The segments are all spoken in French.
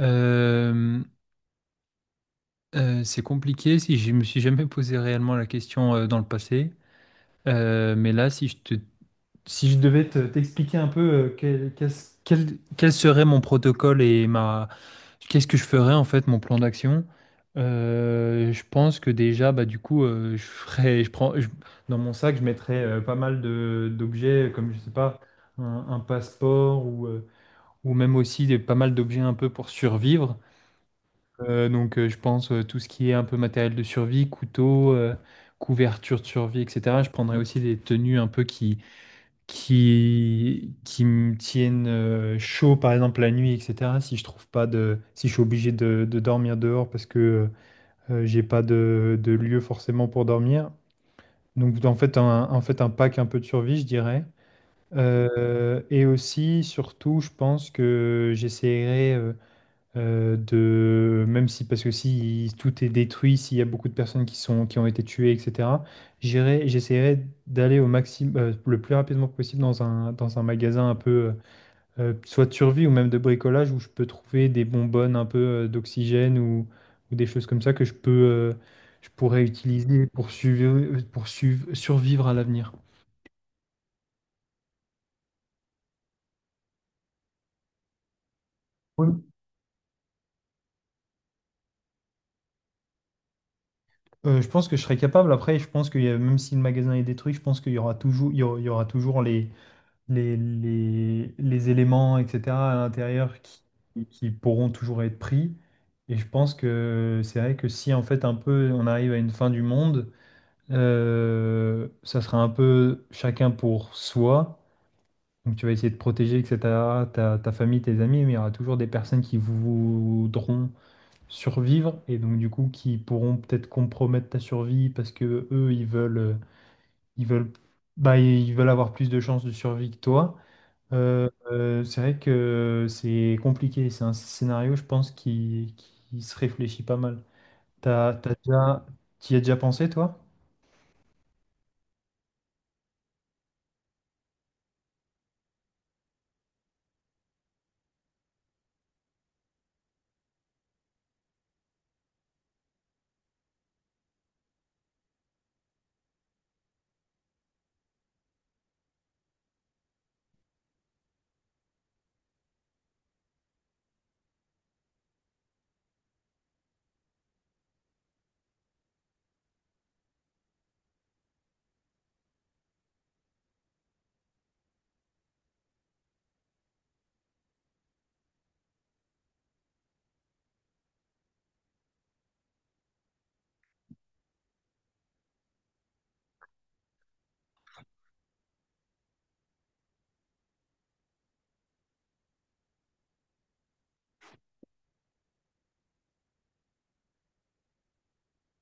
Euh, c'est compliqué si je me suis jamais posé réellement la question dans le passé. Mais là, si je devais t'expliquer un peu quel serait mon protocole et qu'est-ce que je ferais en fait, mon plan d'action. Je pense que déjà, bah, du coup, je ferais, je prends, je- dans mon sac, je mettrais pas mal d'objets comme, je sais pas, un passeport, ou même aussi pas mal d'objets un peu pour survivre. Donc, je pense tout ce qui est un peu matériel de survie, couteau, couverture de survie, etc. Je prendrais aussi des tenues un peu qui me tiennent chaud, par exemple la nuit, etc. Si je trouve pas si je suis obligé de dormir dehors parce que j'ai pas de lieu forcément pour dormir. Donc, en fait, un pack un peu de survie, je dirais. Et aussi, surtout, je pense que j'essaierai de même si parce que si tout est détruit, s'il y a beaucoup de personnes qui ont été tuées, etc. J'essaierai d'aller au maximum le plus rapidement possible dans un magasin un peu soit de survie ou même de bricolage où je peux trouver des bonbonnes un peu d'oxygène ou des choses comme ça que je peux je pourrais utiliser pour survivre à l'avenir. Oui. Je pense que je serai capable. Après, je pense que même si le magasin est détruit, je pense qu'il y aura toujours, il y aura toujours les éléments, etc., à l'intérieur qui pourront toujours être pris. Et je pense que c'est vrai que si en fait un peu on arrive à une fin du monde, ça sera un peu chacun pour soi. Donc tu vas essayer de protéger, etc., ta famille, tes amis, mais il y aura toujours des personnes qui voudront survivre et donc du coup qui pourront peut-être compromettre ta survie parce que eux, ils veulent, bah, ils veulent avoir plus de chances de survie que toi. C'est vrai que c'est compliqué. C'est un scénario, je pense, qui se réfléchit pas mal. T'as, t'as déjà, t'y as déjà pensé, toi?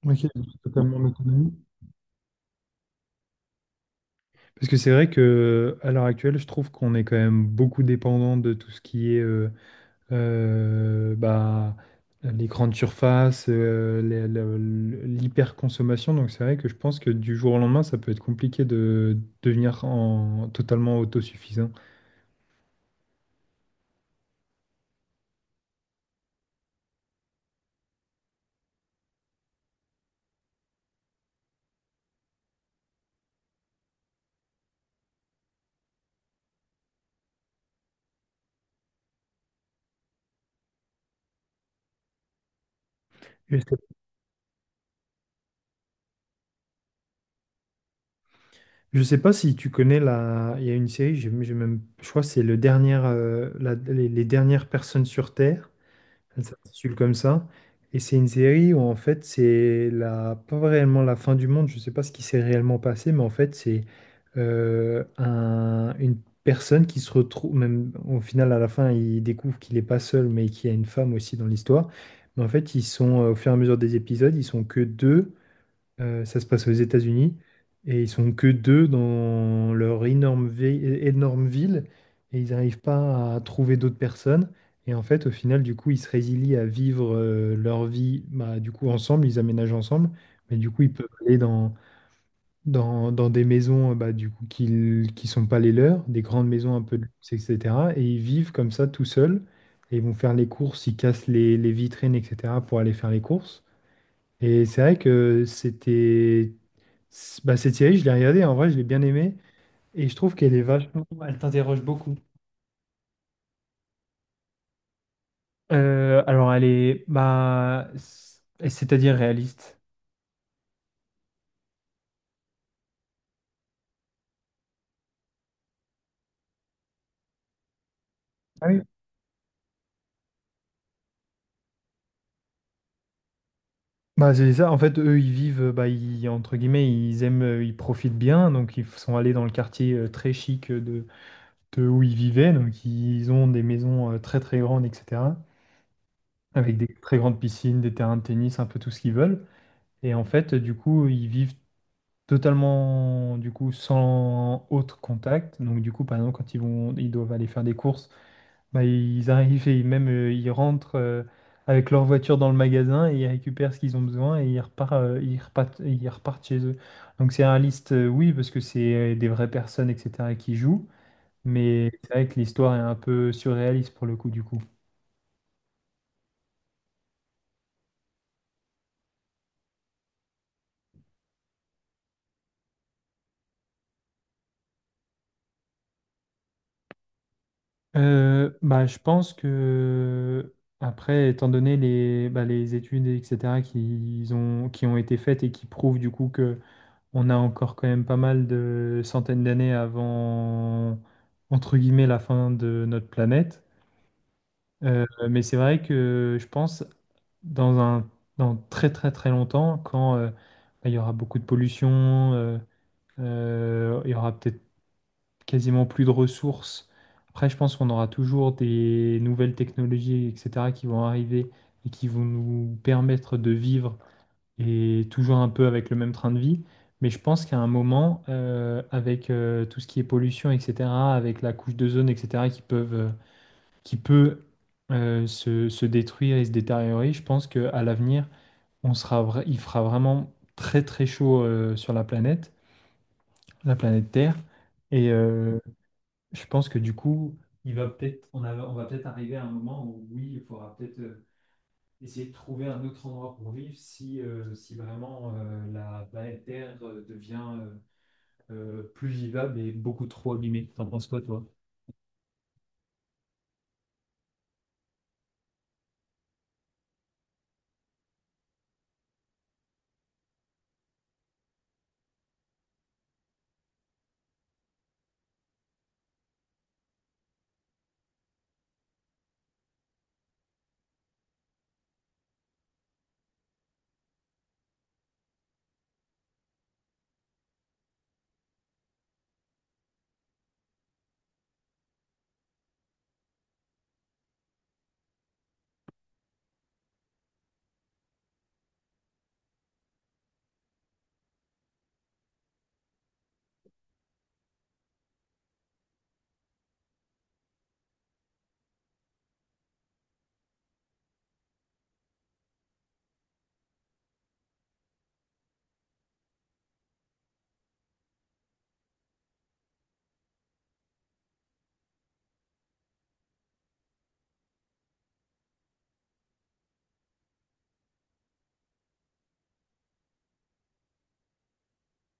Ok, totalement en. Parce que c'est vrai que à l'heure actuelle, je trouve qu'on est quand même beaucoup dépendant de tout ce qui est bah, les grandes surfaces, l'hyperconsommation. Donc c'est vrai que je pense que du jour au lendemain, ça peut être compliqué de devenir totalement autosuffisant. Je sais pas si tu connais la. Il y a une série, j'ai même... je crois que c'est le dernier, les dernières personnes sur Terre. Elle s'intitule comme ça. Et c'est une série où en fait c'est la... pas réellement la fin du monde. Je sais pas ce qui s'est réellement passé, mais en fait c'est une personne qui se retrouve, même au final à la fin, il découvre qu'il n'est pas seul, mais qu'il y a une femme aussi dans l'histoire. Mais en fait, ils sont au fur et à mesure des épisodes, ils sont que deux. Ça se passe aux États-Unis et ils sont que deux dans leur énorme ville et ils n'arrivent pas à trouver d'autres personnes. Et en fait, au final, du coup, ils se résilient à vivre leur vie bah, du coup ensemble, ils aménagent ensemble, mais du coup, ils peuvent aller dans des maisons bah, du coup, qui ne sont pas les leurs, des grandes maisons un peu de luxe, etc. Et ils vivent comme ça tout seuls et ils vont faire les courses, ils cassent les vitrines, etc. pour aller faire les courses. Et c'est vrai que c'était... bah, cette série, je l'ai regardée, en vrai, je l'ai bien aimée. Et je trouve qu'elle est vachement... Elle t'interroge beaucoup. Alors, elle est, bah, c'est-à-dire réaliste. Ah oui. Bah, c'est ça, en fait, eux, ils vivent, bah, ils- entre guillemets, ils profitent bien, donc ils sont allés dans le quartier très chic de où ils vivaient, donc ils ont des maisons très très grandes, etc., avec des très grandes piscines, des terrains de tennis, un peu tout ce qu'ils veulent. Et en fait, du coup, ils vivent totalement du coup sans autre contact. Donc du coup, par exemple, ils doivent aller faire des courses, bah, ils arrivent et même ils rentrent avec leur voiture dans le magasin et ils récupèrent ce qu'ils ont besoin et ils repartent, ils repartent chez eux. Donc c'est réaliste, oui, parce que c'est des vraies personnes, etc., qui jouent. Mais c'est vrai que l'histoire est un peu surréaliste pour le coup du coup. Bah, je pense que, après, étant donné les études, etc., qui ont été faites et qui prouvent du coup que on a encore quand même pas mal de centaines d'années avant, entre guillemets, la fin de notre planète. Mais c'est vrai que je pense, dans un, dans très très très longtemps, quand bah, il y aura beaucoup de pollution, il y aura peut-être quasiment plus de ressources. Après, je pense qu'on aura toujours des nouvelles technologies, etc., qui vont arriver et qui vont nous permettre de vivre et toujours un peu avec le même train de vie. Mais je pense qu'à un moment, avec tout ce qui est pollution, etc., avec la couche d'ozone, etc., qui peut se détruire et se détériorer, je pense qu'à l'avenir, il fera vraiment très très chaud sur la planète Terre. Et, euh, je pense que du coup, il va peut-être, on a- on va peut-être arriver à un moment où oui, il faudra peut-être essayer de trouver un autre endroit pour vivre si vraiment la planète Terre devient plus vivable et beaucoup trop abîmée. T'en penses quoi, toi?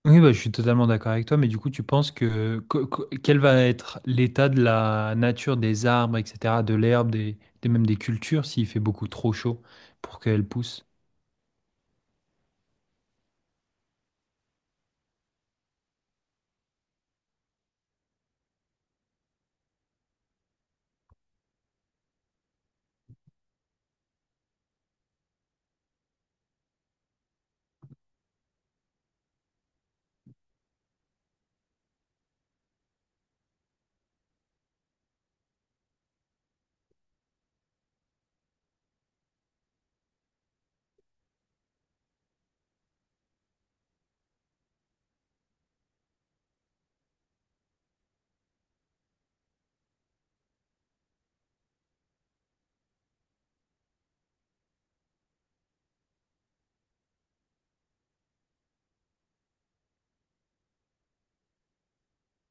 Oui, bah, je suis totalement d'accord avec toi, mais du coup, tu penses quel va être l'état de la nature des arbres, etc., de l'herbe, même des cultures, s'il fait beaucoup trop chaud pour qu'elles poussent?